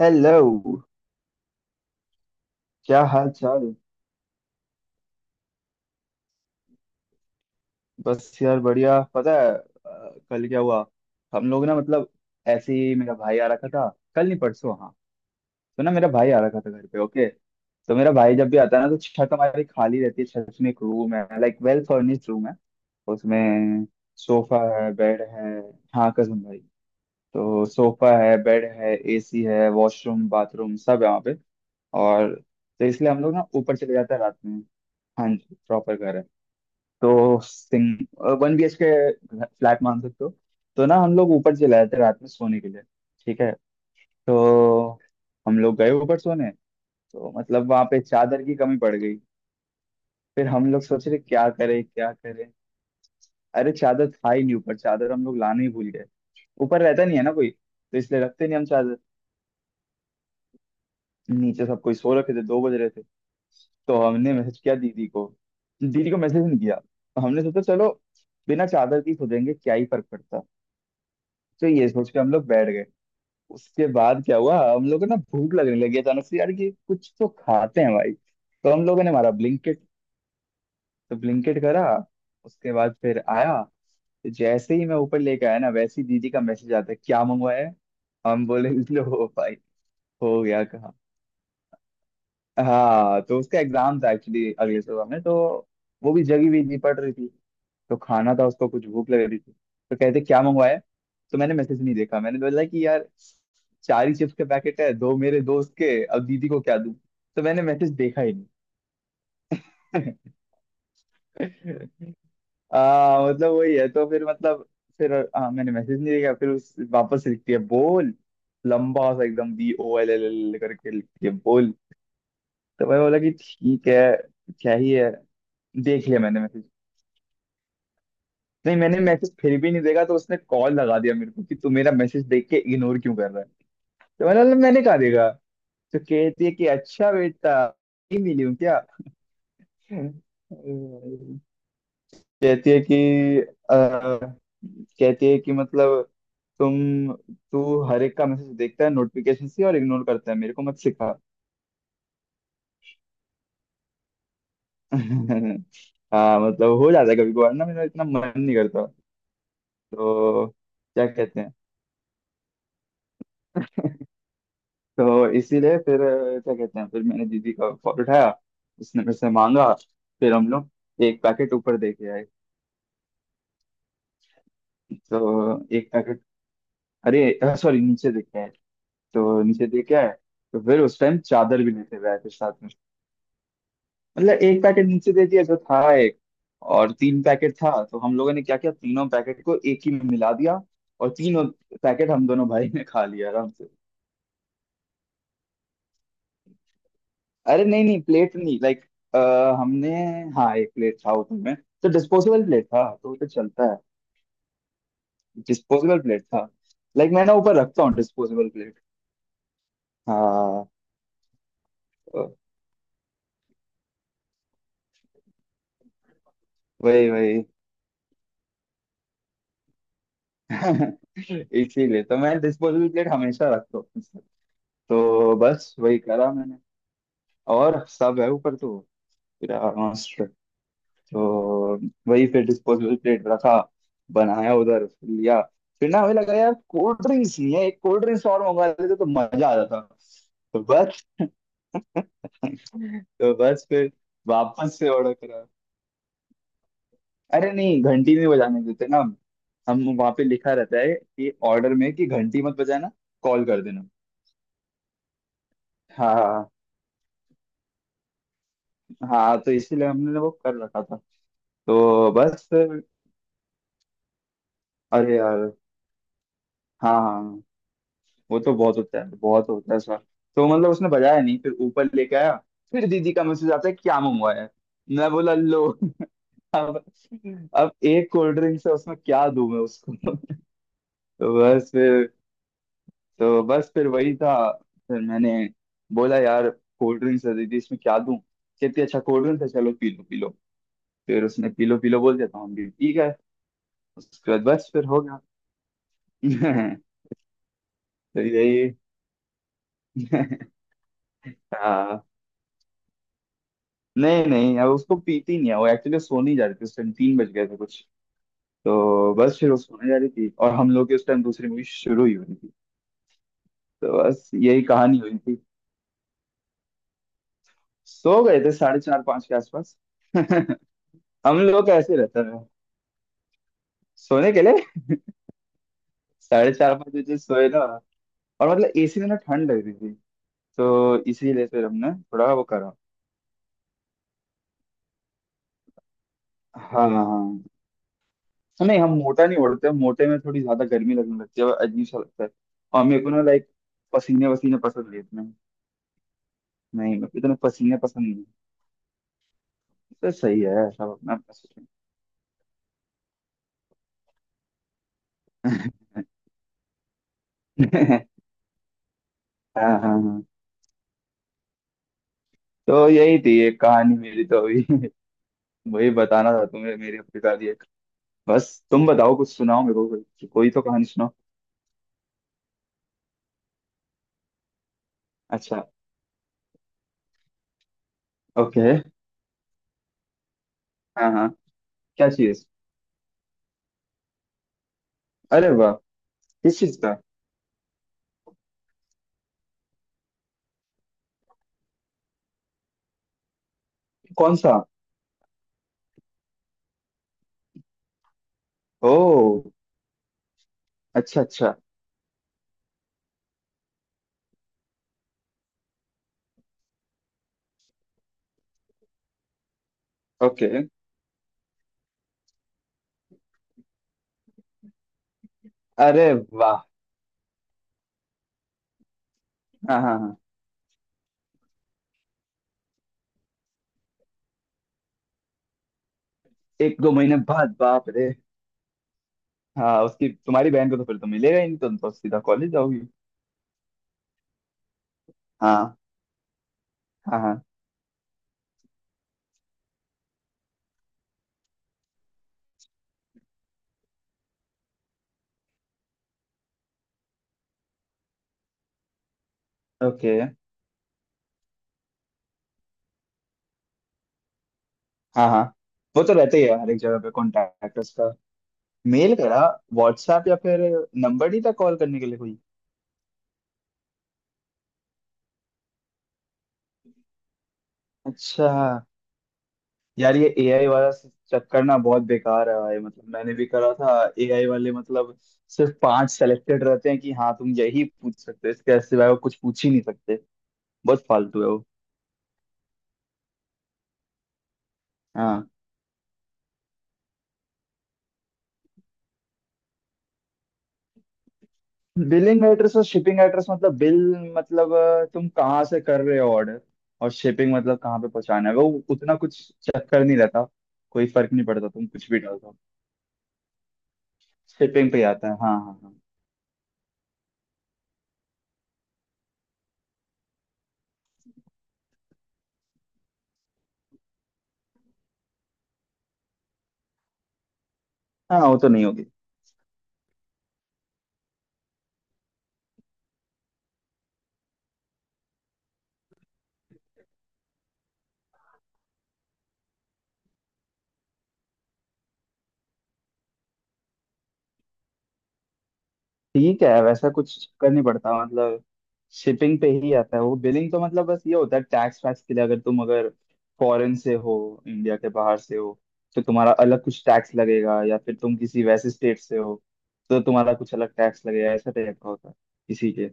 Hello. क्या हाल चाल। बस यार, बढ़िया। पता है कल क्या हुआ। हम लोग ना, मतलब ऐसे ही मेरा भाई आ रखा था। कल नहीं परसों, हाँ। तो ना, मेरा भाई आ रखा था घर पे। ओके, तो मेरा भाई जब भी आता है ना, तो छत हमारी खाली रहती है। छत में एक रूम है, लाइक वेल फर्निश्ड रूम है। उसमें सोफा है, बेड है। हाँ कसम भाई। तो सोफा है, बेड है, एसी है, वॉशरूम बाथरूम सब है वहाँ पे। और तो इसलिए हम लोग ना ऊपर चले जाते हैं रात में। हाँ जी, प्रॉपर घर है। तो सिंग 1 BHK फ्लैट मान सकते हो। तो ना हम लोग ऊपर चले आए थे रात में सोने के लिए। ठीक है। तो हम लोग गए ऊपर सोने। तो मतलब वहां पे चादर की कमी पड़ गई। फिर हम लोग सोच रहे क्या करें क्या करें। अरे चादर था ही नहीं ऊपर। चादर हम लोग लाना ही भूल गए। ऊपर रहता नहीं है ना कोई, तो इसलिए रखते नहीं हम चादर। नीचे सब कोई सो रखे थे, 2 बजे रहे थे। तो हमने मैसेज किया दीदी को। दीदी को मैसेज नहीं किया, हमने सोचा चलो बिना चादर की सो जाएंगे, क्या ही फर्क पड़ता है। तो ये सोच के हम लोग बैठ गए। उसके बाद क्या हुआ, हम लोग को ना भूख लगने लगी अचानक से। यार, कि कुछ तो खाते हैं भाई। तो हम लोगों ने मारा ब्लिंकिट। तो ब्लिंकिट करा। उसके बाद फिर आया। तो जैसे ही मैं ऊपर लेके आया ना, वैसे ही दीदी का मैसेज आता है, "क्या मंगवाया है?" हम बोले लो भाई, हो गया। हाँ, तो उसका एग्जाम था एक्चुअली अगले सुबह में। तो वो भी जगी हुई थी, पढ़ रही थी। तो खाना था उसको, कुछ भूख लग रही थी। तो कहते क्या मंगवाया। तो मैंने मैसेज नहीं देखा। मैंने बोला कि यार, चार ही चिप्स के पैकेट है, दो मेरे दोस्त के, अब दीदी को क्या दूं। तो मैंने मैसेज देखा ही नहीं। मतलब वही है तो फिर मतलब फिर, मैंने मैसेज नहीं देखा। फिर उस वापस लिखती है बोल। लंबा सा एकदम BOLLLL करके लिखती है, बोल। तो मैं बोला कि ठीक है, क्या ही है। देख लिया मैंने मैसेज। नहीं, मैंने मैसेज फिर भी नहीं देखा, तो उसने कॉल लगा दिया मेरे को कि तू मेरा मैसेज देख के इग्नोर क्यों कर रहा है। मैंने कहा देखा। तो कहती है कि अच्छा बेटा नहीं मिली हूँ क्या। कहती है कि कहती है कि मतलब तुम तू हर एक का मैसेज देखता है नोटिफिकेशन से और इग्नोर करता है, मेरे को मत सिखा। हाँ मतलब हो जाता है कभी कभार, ना मेरा इतना मन नहीं करता। तो क्या कहते हैं। तो इसीलिए फिर क्या कहते हैं, फिर मैंने दीदी का फोन उठाया। उसने मेरे से मांगा। फिर हम लोग एक पैकेट ऊपर दे के आए। तो एक पैकेट, अरे सॉरी नीचे देख के आए। तो नीचे दे के आए। तो फिर उस टाइम चादर भी लेते हुए आए फिर साथ में। मतलब एक पैकेट नीचे दे दिया जो था, एक। और तीन पैकेट था, तो हम लोगों ने क्या किया, तीनों पैकेट को एक ही में मिला दिया। और तीनों पैकेट हम दोनों भाई ने खा लिया आराम। अरे नहीं नहीं, प्लेट नहीं, लाइक हमने, हाँ एक प्लेट था ऊपर में। तो डिस्पोजेबल प्लेट था, तो वो तो चलता है। डिस्पोजेबल प्लेट था। लाइक मैं ना ऊपर रखता हूँ डिस्पोजेबल प्लेट। हाँ। तो वही वही। इसीलिए तो मैं डिस्पोजेबल प्लेट हमेशा रखता हूँ अपने साथ। तो बस वही करा मैंने। और सब है ऊपर तो, पूरा मस्त। तो वही फिर डिस्पोजेबल प्लेट रखा, बनाया, उधर फिर लिया। फिर ना हमें लगा, यार कोल्ड ड्रिंक्स नहीं है, एक कोल्ड ड्रिंक्स और मंगवा लेते तो मजा आ जाता। तो बस। तो बस फिर वापस से ऑर्डर करा। अरे नहीं, घंटी नहीं बजाने देते ना हम। वहां पे लिखा रहता है कि ऑर्डर में, कि घंटी मत बजाना, कॉल कर देना। हाँ। हाँ, तो इसीलिए हमने वो कर रखा था। तो बस फिर- अरे यार। हाँ हाँ। वो तो बहुत होता है, बहुत होता है सर। तो मतलब उसने बजाया नहीं, फिर ऊपर लेके आया। फिर दीदी का मैसेज आता है, "क्या मंगवाया है?" मैं बोला लो। अब अब एक कोल्ड ड्रिंक से उसमें क्या दूं मैं उसको। तो बस फिर तो बस फिर वही था। फिर मैंने बोला, यार कोल्ड ड्रिंक्स है दीदी, इसमें क्या दूं। कहती अच्छा कोल्ड ड्रिंक्स है, चलो पी लो पी लो। फिर उसने पी लो बोल दिया, तो हम भी पी गए। उसके बाद बस फिर हो गया। तो यही। हाँ, नहीं नहीं, अब उसको पीती नहीं है वो एक्चुअली। सोने जा रही थी उस टाइम, 3 बजे गए थे कुछ। तो बस फिर वो सोने जा रही थी, और हम लोग की उस टाइम दूसरी मूवी शुरू ही हो रही थी। तो बस यही कहानी हुई थी। सो गए थे 4:30-5 के आसपास। हम लोग कैसे रहते हैं सोने के लिए। 4:30-5 बजे सोए ना। और मतलब एसी में ना ठंड लग रही थी, तो इसीलिए फिर हमने थोड़ा वो करा। हाँ हाँ हाँ। तो नहीं, हम मोटा नहीं ओढ़ते, मोटे में थोड़ी ज्यादा गर्मी लगने लगती है, अजीब सा लगता है। और मेरे को ना लाइक पसीने वसीने पसंद नहीं इतने। नहीं, मेरे को इतने पसीने पसंद नहीं। तो सही है, सब अपना अपना सोचें। हाँ हाँ हाँ। तो यही थी एक कहानी मेरी तो अभी। वही बताना था तुम्हें, मेरी अफ्रीका की एक। बस, तुम बताओ, कुछ सुनाओ मेरे को। कोई कोई तो कहानी सुनाओ। अच्छा। ओके। हाँ हाँ। क्या चीज। अरे वाह। किस चीज का। कौन सा। ओ, अच्छा अच्छा। ओके। अरे वाह। हाँ हाँ हाँ। एक दो महीने बाद, बाप रे। हाँ उसकी, तुम्हारी बहन को तो फिर तो मिलेगा ही नहीं, तुम तो सीधा कॉलेज जाओगी। हाँ हाँ हाँ। ओके। हाँ हाँ, वो तो रहते ही है हर एक जगह पे कॉन्टैक्ट उसका। मेल करा, व्हाट्सएप या फिर नंबर नहीं था कॉल करने के लिए कोई। अच्छा, यार ये एआई वाला चक्कर ना बहुत बेकार है भाई, मतलब मैंने भी करा था। एआई वाले मतलब सिर्फ 5 सेलेक्टेड रहते हैं कि हाँ तुम यही पूछ सकते हो, इसके सिवाय वो कुछ पूछ ही नहीं सकते। बहुत फालतू है वो। बिलिंग एड्रेस और शिपिंग एड्रेस मतलब बिल, मतलब तुम कहाँ से कर रहे हो ऑर्डर, और शिपिंग मतलब कहाँ पे पहुँचाना है वो। उतना कुछ चक्कर नहीं रहता। कोई फर्क नहीं पड़ता, तुम कुछ भी डाल दो। शिपिंग पे ही आता है, हाँ हाँ हाँ। हाँ, वो तो नहीं होगी। ठीक है, वैसा कुछ कर नहीं पड़ता मतलब। शिपिंग पे ही आता है वो, बिलिंग तो मतलब बस ये होता है टैक्स वैक्स के लिए, अगर तुम अगर फॉरेन से हो, इंडिया के बाहर से हो, तो तुम्हारा अलग कुछ टैक्स लगेगा, या फिर तुम किसी वैसे स्टेट से हो तो तुम्हारा कुछ अलग टैक्स लगेगा, ऐसा टाइप का होता है किसी के।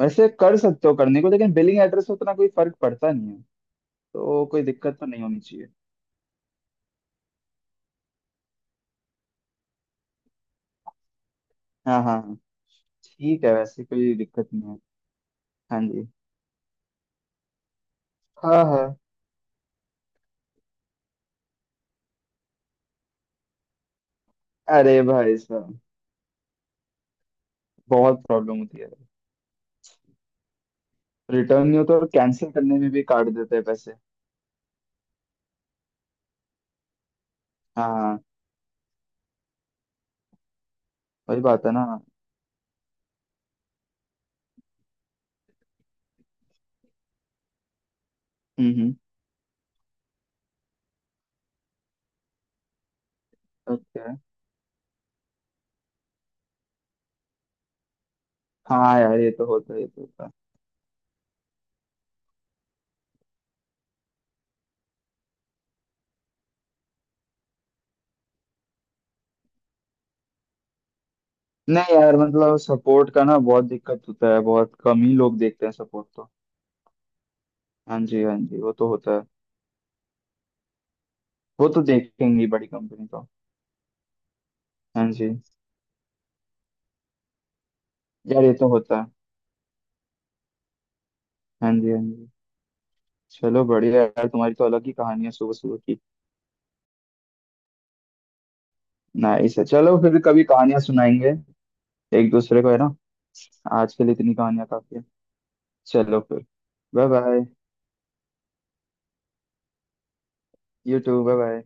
वैसे कर सकते हो करने को, लेकिन बिलिंग एड्रेस से उतना कोई फर्क पड़ता नहीं है। तो कोई दिक्कत तो नहीं होनी चाहिए, हाँ हाँ हाँ। ठीक है, वैसे कोई दिक्कत नहीं है। हाँ जी। हाँ हाँ। अरे भाई साहब। बहुत प्रॉब्लम होती है। रिटर्न नहीं होता, और कैंसिल करने में भी काट देते हैं पैसे। हाँ हाँ, वही बात है ना। हम्म। ओके। हाँ यार, ये तो होता है, ये तो होता है। नहीं यार, मतलब सपोर्ट का ना बहुत दिक्कत होता है, बहुत कम ही लोग देखते हैं सपोर्ट तो। हाँ जी हाँ जी, वो तो होता है। वो तो देखेंगी बड़ी कंपनी तो। हाँ जी। यार ये तो होता है। हाँ जी हाँ जी। चलो बढ़िया यार, तुम्हारी तो अलग ही कहानी है सुबह सुबह की। नाइस है, चलो फिर कभी कहानियां सुनाएंगे एक दूसरे को, है ना। आज के लिए इतनी कहानियां काफी है। चलो फिर bye bye. You too, bye bye.